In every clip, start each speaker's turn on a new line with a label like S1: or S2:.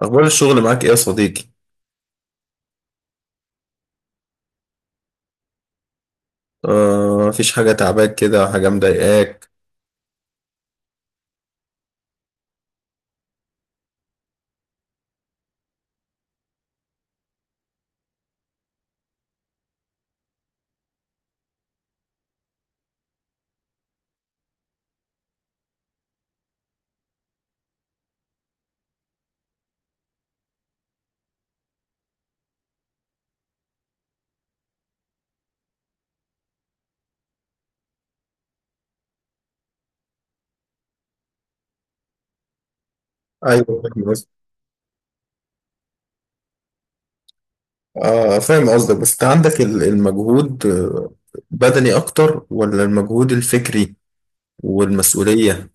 S1: أخبار الشغل معاك إيه يا صديقي؟ آه، مفيش حاجة تعباك كده، حاجة مضايقاك؟ أيوه، فاهم قصدك. آه، فاهم قصدك. بس أنت عندك المجهود، بدني أكتر ولا المجهود الفكري والمسؤولية؟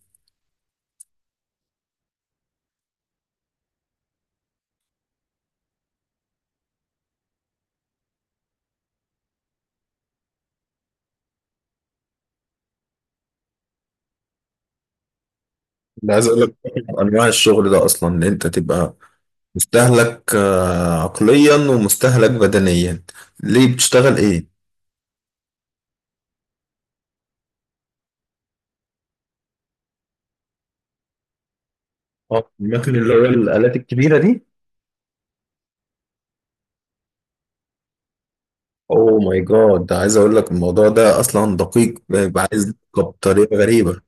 S1: أنا عايز أقول لك، أنواع الشغل ده أصلا إن أنت تبقى مستهلك عقليا ومستهلك بدنيا. ليه بتشتغل إيه؟ اه، المكن اللي هو الآلات الكبيرة دي؟ اوه ماي جاد، ده عايز اقول لك الموضوع ده اصلا دقيق، بيبقى عايز دقة بطريقه غريبه.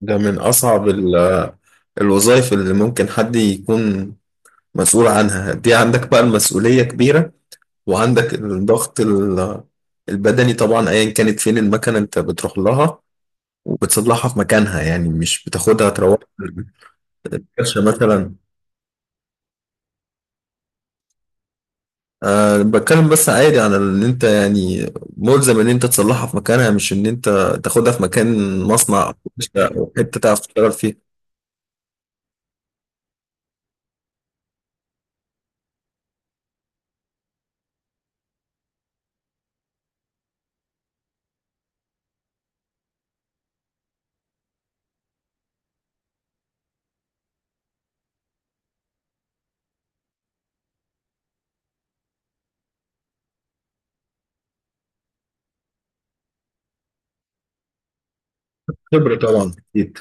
S1: ده من أصعب الوظائف اللي ممكن حد يكون مسؤول عنها. دي عندك بقى المسؤولية كبيرة، وعندك الضغط البدني طبعا. أيا كانت فين المكنة أنت بتروح لها وبتصلحها في مكانها، يعني مش بتاخدها تروح الكرشة مثلا. أه، بتكلم بس عادي عن إن أنت يعني ملزم إن أنت تصلحها في مكانها، مش إن أنت تاخدها في مكان، مصنع أو حتة تعرف تشتغل فيها. خبرة طبعا، أكيد.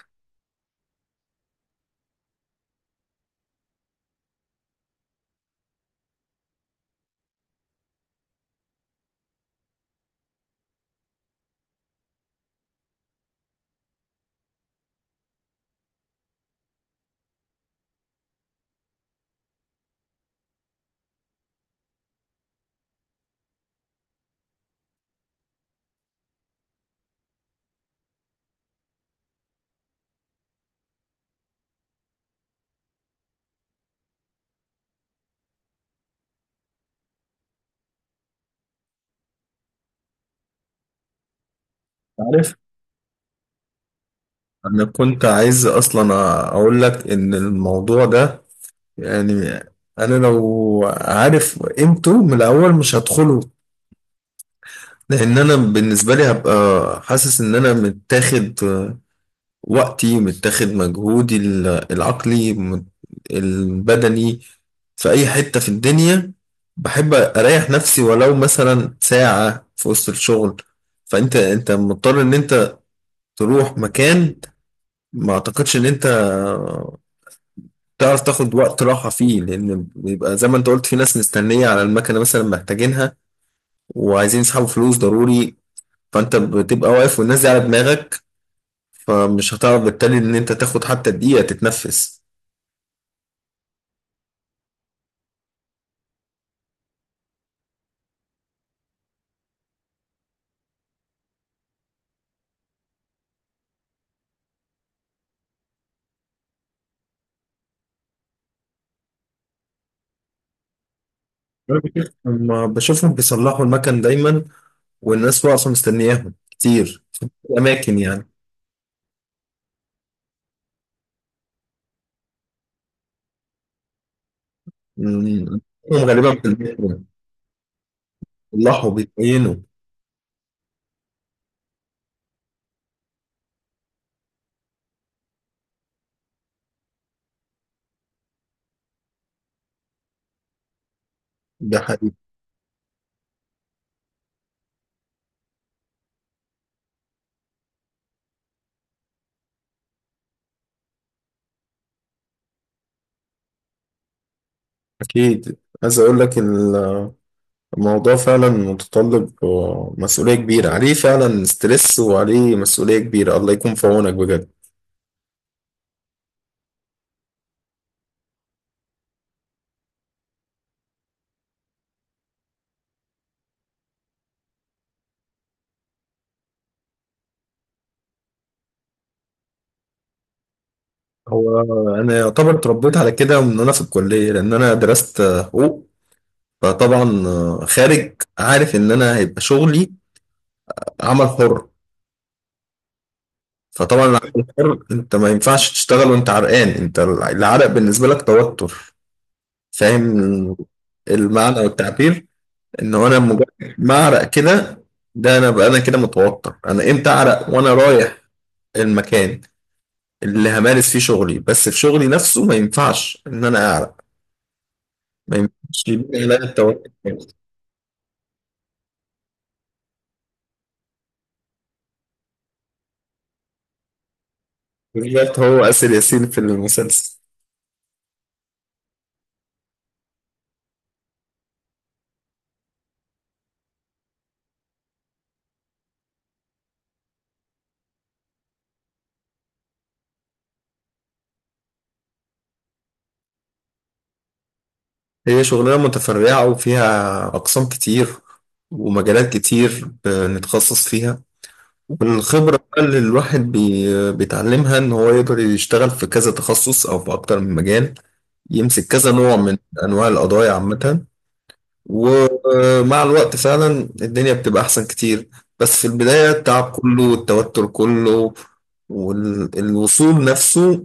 S1: عارف، انا كنت عايز اصلا اقول لك ان الموضوع ده، يعني انا لو عارف قيمته من الاول مش هدخله، لان انا بالنسبه لي هبقى حاسس ان انا متاخد وقتي، متاخد مجهودي العقلي، البدني. في اي حته في الدنيا بحب اريح نفسي ولو مثلا ساعه في وسط الشغل. فانت مضطر ان انت تروح مكان. ما اعتقدش ان انت تعرف تاخد وقت راحة فيه، لأن بيبقى زي ما أنت قلت، في ناس مستنية على المكنة مثلا محتاجينها وعايزين يسحبوا فلوس ضروري، فأنت بتبقى واقف والناس دي على دماغك، فمش هتعرف بالتالي إن أنت تاخد حتى دقيقة تتنفس. ما بشوفهم بيصلحوا المكن دايما، والناس واقفة مستنياهم كتير في الأماكن يعني. أمم، هم غالبا في البيت بيصلحوا بيبينوا. ده حقيقي. أكيد. عايز أقول لك، الموضوع فعلا متطلب، مسؤولية كبيرة عليه، فعلا ستريس وعليه مسؤولية كبيرة. الله يكون في عونك بجد. هو أنا يعتبر اتربيت على كده من وأنا في الكلية، لأن أنا درست حقوق. فطبعا خارج عارف إن أنا هيبقى شغلي عمل حر. فطبعا العمل الحر، أنت ما ينفعش تشتغل وأنت عرقان، أنت العرق بالنسبة لك توتر. فاهم المعنى والتعبير؟ إن هو أنا مجرد ما أعرق كده، ده انا بقى انا كده متوتر. انا امتى اعرق؟ وانا رايح المكان اللي همارس فيه شغلي، بس في شغلي نفسه ما ينفعش ان انا اعرق، ما ينفعش يبقى لها التوتر. بالذات هو آسر ياسين في المسلسل. هي شغلانة متفرعة وفيها أقسام كتير ومجالات كتير بنتخصص فيها. والخبرة بقى اللي الواحد بيتعلمها إن هو يقدر يشتغل في كذا تخصص أو في أكتر من مجال. يمسك كذا نوع من أنواع القضايا عامة. ومع الوقت فعلا الدنيا بتبقى أحسن كتير. بس في البداية التعب كله والتوتر كله والوصول نفسه،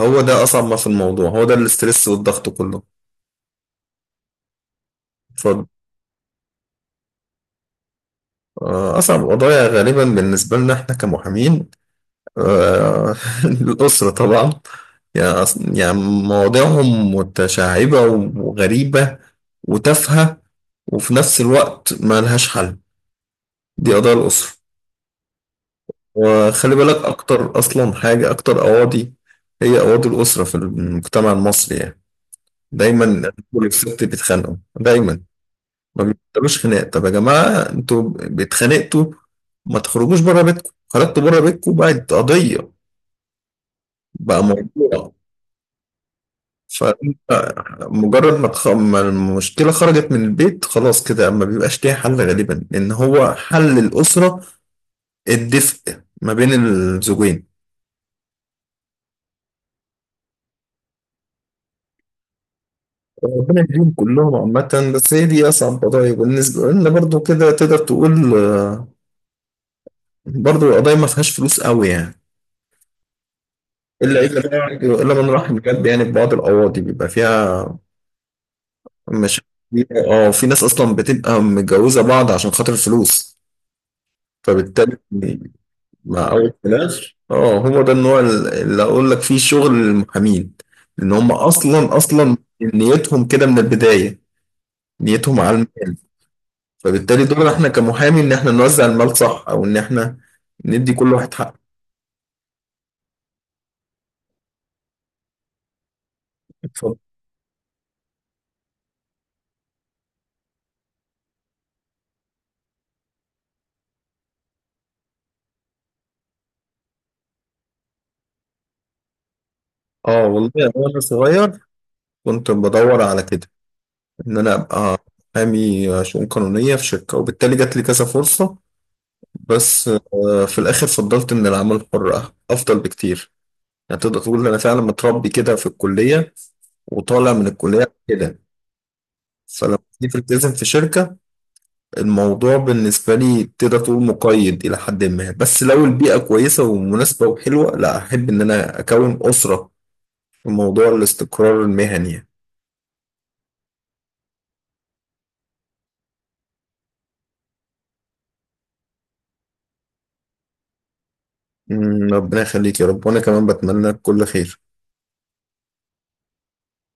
S1: هو ده أصعب ما في الموضوع، هو ده الاسترس والضغط كله. اتفضل. أصعب قضايا غالبا بالنسبة لنا إحنا كمحامين، آه، الأسرة طبعا. يعني يعني مواضيعهم متشعبة وغريبة وتافهة، وفي نفس الوقت ما لهاش حل. دي قضايا الأسرة. وخلي بالك، أكتر أصلا حاجة أكتر أواضي، هي أواضي الأسرة في المجتمع المصري يعني. دايما الرجل والست بيتخانقوا دايما، ما بيبطلوش خناق. طب يا جماعة، أنتوا بتخانقتوا، ما تخرجوش بره بيتكم. خرجتوا بره بيتكم، بقت قضية، بقى موضوع. فأنت مجرد ما المشكلة خرجت من البيت خلاص كده ما بيبقاش ليها حل غالبا، لأن هو حل الأسرة الدفء ما بين الزوجين. ربنا يهديهم كلهم عامة. بس هي دي أصعب قضايا بالنسبة لنا برضو، كده تقدر تقول. برضو القضايا ما فيهاش فلوس قوي يعني، إلا من رحم بجد. يعني في بعض القواضي بيبقى فيها مشاكل كبيرة. اه، في ناس أصلا بتبقى متجوزة بعض عشان خاطر الفلوس، فبالتالي مع أول فلاش، هو ده النوع اللي أقول لك فيه شغل المحامين. إن هم أصلا نيتهم كده من البداية، نيتهم على المال. فبالتالي دورنا احنا كمحامي، ان احنا نوزع المال صح، او ان احنا ندي كل واحد حقه. اتفضل. اه والله، يعني وانا صغير كنت بدور على كده، ان انا ابقى محامي شؤون قانونية في شركة، وبالتالي جات لي كذا فرصة. بس في الاخر فضلت ان العمل الحر افضل بكتير. يعني تقدر تقول إن انا فعلا متربي كده في الكلية وطالع من الكلية كده. فلما جيت التزم في شركة، الموضوع بالنسبة لي تقدر تقول مقيد إلى حد ما، بس لو البيئة كويسة ومناسبة وحلوة، لا، أحب إن أنا أكون أسرة في موضوع الاستقرار المهني. ربنا يخليك يا رب، وأنا كمان بتمنى لك كل خير.